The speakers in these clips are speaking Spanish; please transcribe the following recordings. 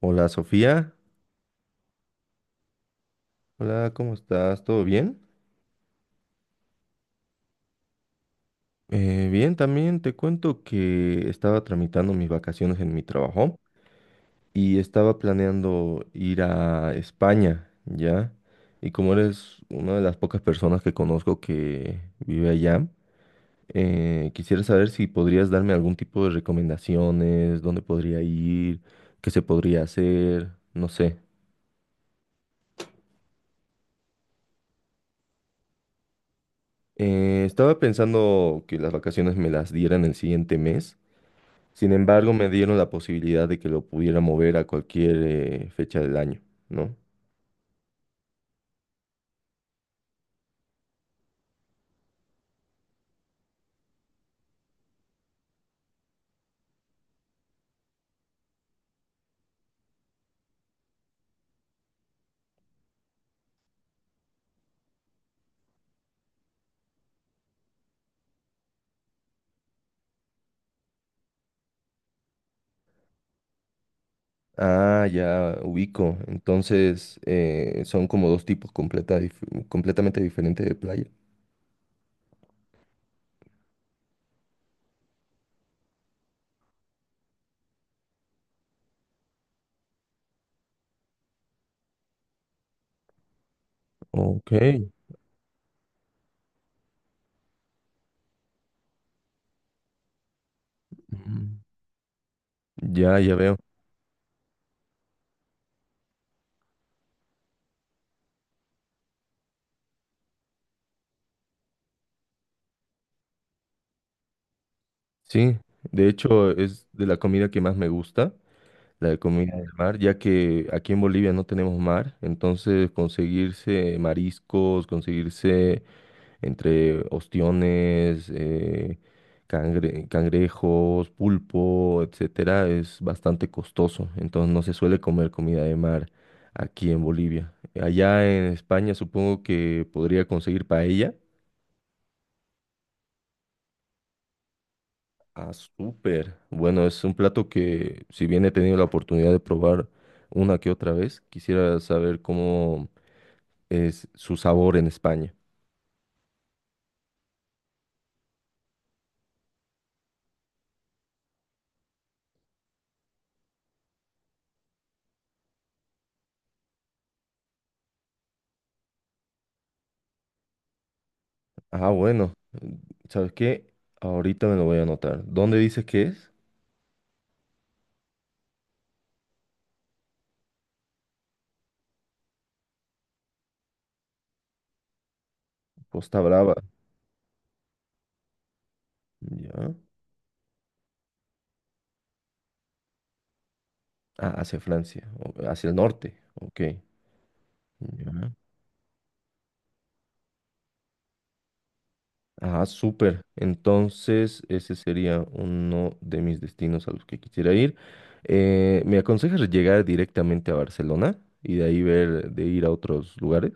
Hola Sofía, hola, ¿cómo estás? ¿Todo bien? Bien, también te cuento que estaba tramitando mis vacaciones en mi trabajo y estaba planeando ir a España, ¿ya? Y como eres una de las pocas personas que conozco que vive allá, quisiera saber si podrías darme algún tipo de recomendaciones, dónde podría ir, qué se podría hacer, no sé. Estaba pensando que las vacaciones me las dieran el siguiente mes. Sin embargo, me dieron la posibilidad de que lo pudiera mover a cualquier fecha del año, ¿no? Ah, ya ubico. Entonces, son como dos tipos completamente diferentes de playa. Ok. Mm. Ya, ya veo. Sí, de hecho es de la comida que más me gusta, la de comida del mar, ya que aquí en Bolivia no tenemos mar, entonces conseguirse mariscos, conseguirse entre ostiones, cangrejos, pulpo, etcétera, es bastante costoso. Entonces no se suele comer comida de mar aquí en Bolivia. Allá en España supongo que podría conseguir paella. Ah, súper. Bueno, es un plato que si bien he tenido la oportunidad de probar una que otra vez, quisiera saber cómo es su sabor en España. Ah, bueno. ¿Sabes qué? Ahorita me lo voy a anotar. ¿Dónde dices que es? Costa Brava. Ya. Ah, hacia Francia, hacia el norte. Ok. Ya. Ajá, súper. Entonces, ese sería uno de mis destinos a los que quisiera ir. ¿Me aconsejas llegar directamente a Barcelona y de ahí ver, de ir a otros lugares?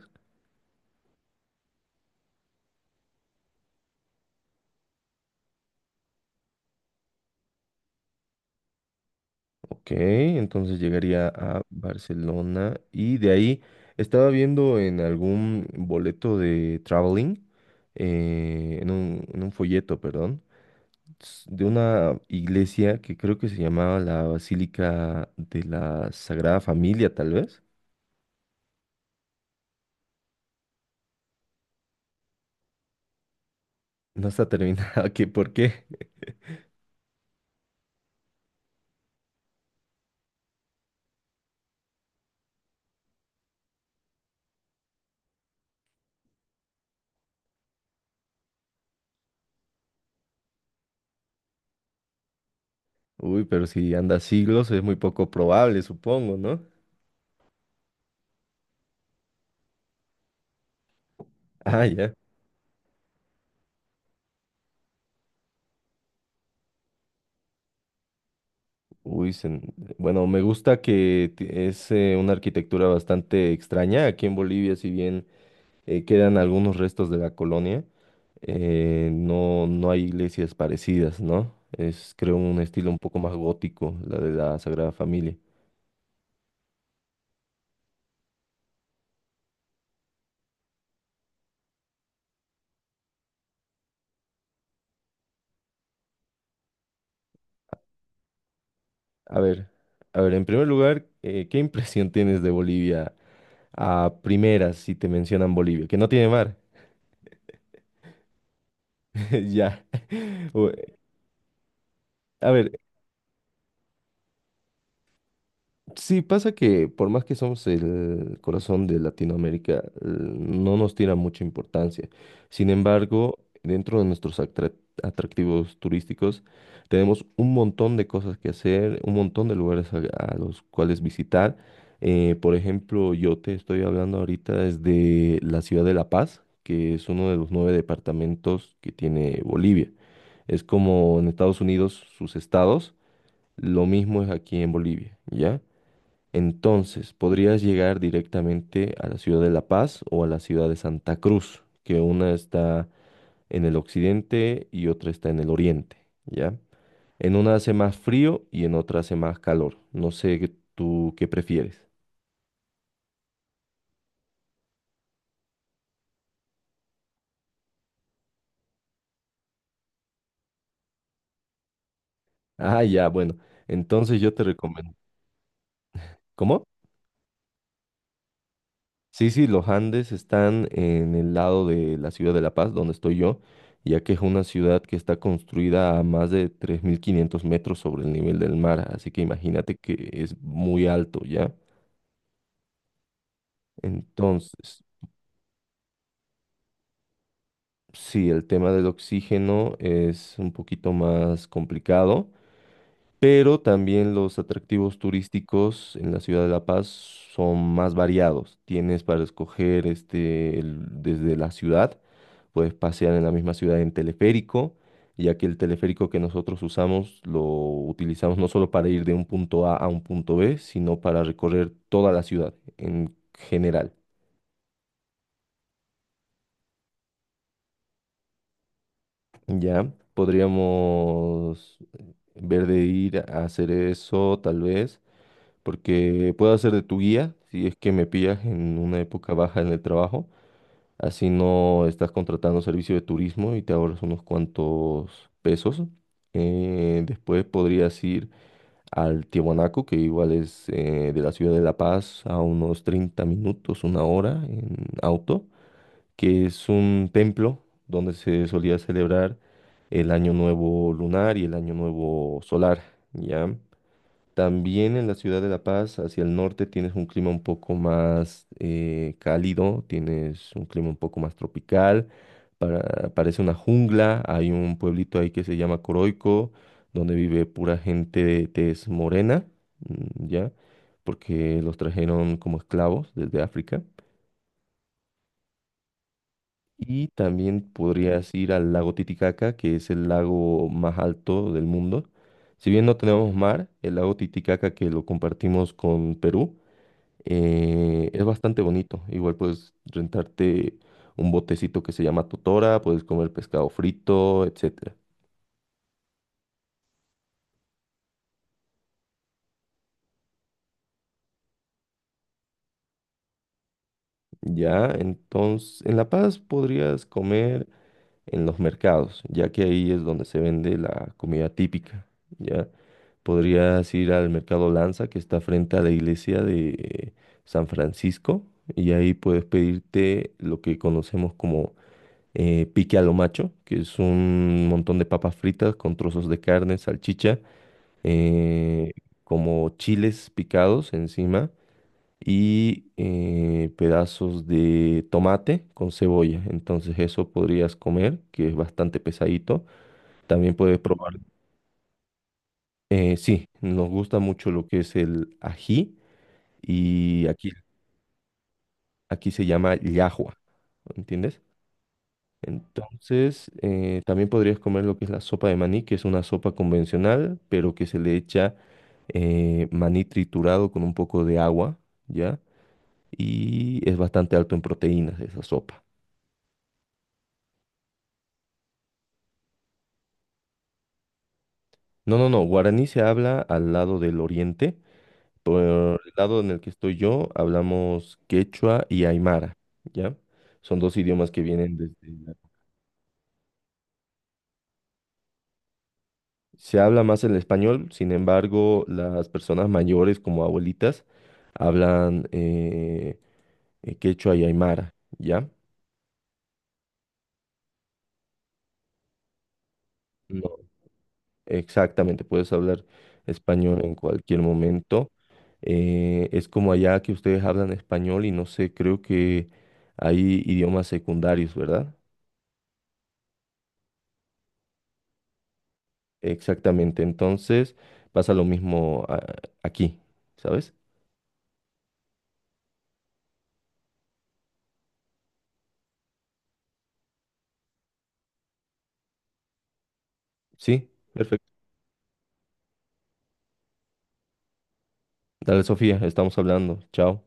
Ok, entonces llegaría a Barcelona y de ahí estaba viendo en algún boleto de traveling, en un folleto, perdón de una iglesia que creo que se llamaba la Basílica de la Sagrada Familia, tal vez. No está terminada, ¿qué por qué? Uy, pero si anda siglos es muy poco probable, supongo, ¿no? Ah, ya. Uy, se- bueno, me gusta es una arquitectura bastante extraña. Aquí en Bolivia, si bien quedan algunos restos de la colonia, no, no hay iglesias parecidas, ¿no? Es, creo, un estilo un poco más gótico, la de la Sagrada Familia. A ver, a ver, en primer lugar, ¿qué impresión tienes de Bolivia a primeras si te mencionan Bolivia? Que no tiene mar. Ya. O- A ver, sí, pasa que por más que somos el corazón de Latinoamérica, no nos tira mucha importancia. Sin embargo, dentro de nuestros atractivos turísticos, tenemos un montón de cosas que hacer, un montón de lugares a los cuales visitar. Por ejemplo, yo te estoy hablando ahorita desde la ciudad de La Paz, que es uno de los 9 departamentos que tiene Bolivia. Es como en Estados Unidos sus estados, lo mismo es aquí en Bolivia, ¿ya? Entonces, podrías llegar directamente a la ciudad de La Paz o a la ciudad de Santa Cruz, que una está en el occidente y otra está en el oriente, ¿ya? En una hace más frío y en otra hace más calor. No sé tú qué prefieres. Ah, ya, bueno. Entonces yo te recomiendo. ¿Cómo? Sí, sí, los Andes están en el lado de la ciudad de La Paz, donde estoy yo, ya que es una ciudad que está construida a más de 3.500 metros sobre el nivel del mar, así que imagínate que es muy alto, ¿ya? Entonces, sí, el tema del oxígeno es un poquito más complicado, pero también los atractivos turísticos en la ciudad de La Paz son más variados. Tienes para escoger este, desde la ciudad. Puedes pasear en la misma ciudad en teleférico, ya que el teleférico que nosotros usamos lo utilizamos no solo para ir de un punto A a un punto B, sino para recorrer toda la ciudad en general, ¿ya? Podríamos ver de ir a hacer eso, tal vez, porque puedo hacer de tu guía si es que me pillas en una época baja en el trabajo. Así no estás contratando servicio de turismo y te ahorras unos cuantos pesos. Después podrías ir al Tiahuanaco, que igual es de la ciudad de La Paz a unos 30 minutos, una hora en auto, que es un templo donde se solía celebrar el Año Nuevo lunar y el Año Nuevo solar, ¿ya? También en la ciudad de La Paz, hacia el norte, tienes un clima un poco más cálido, tienes un clima un poco más tropical, parece una jungla, hay un pueblito ahí que se llama Coroico, donde vive pura gente de tez morena, mm, ¿ya? Porque los trajeron como esclavos desde África. Y también podrías ir al lago Titicaca, que es el lago más alto del mundo. Si bien no tenemos mar, el lago Titicaca que lo compartimos con Perú, es bastante bonito. Igual puedes rentarte un botecito que se llama totora, puedes comer pescado frito, etcétera. Ya, entonces, en La Paz podrías comer en los mercados, ya que ahí es donde se vende la comida típica. Ya, podrías ir al mercado Lanza, que está frente a la iglesia de San Francisco, y ahí puedes pedirte lo que conocemos como pique a lo macho, que es un montón de papas fritas con trozos de carne, salchicha, eh, como chiles picados encima y pedazos de tomate con cebolla. Entonces eso podrías comer, que es bastante pesadito. También puedes probar. Sí, nos gusta mucho lo que es el ají y aquí se llama llajua, ¿entiendes? Entonces, también podrías comer lo que es la sopa de maní, que es una sopa convencional, pero que se le echa maní triturado con un poco de agua, ¿ya? Y es bastante alto en proteínas esa sopa. No, no, no, guaraní se habla al lado del oriente. Por el lado en el que estoy yo, hablamos quechua y aymara, ¿ya? Son dos idiomas que vienen desde... Se habla más el español, sin embargo, las personas mayores como abuelitas hablan quechua y aymara, ¿ya? No, exactamente, puedes hablar español en cualquier momento. Es como allá que ustedes hablan español y no sé, creo que hay idiomas secundarios, ¿verdad? Exactamente, entonces pasa lo mismo aquí, ¿sabes? Sí, perfecto. Dale, Sofía, estamos hablando. Chao.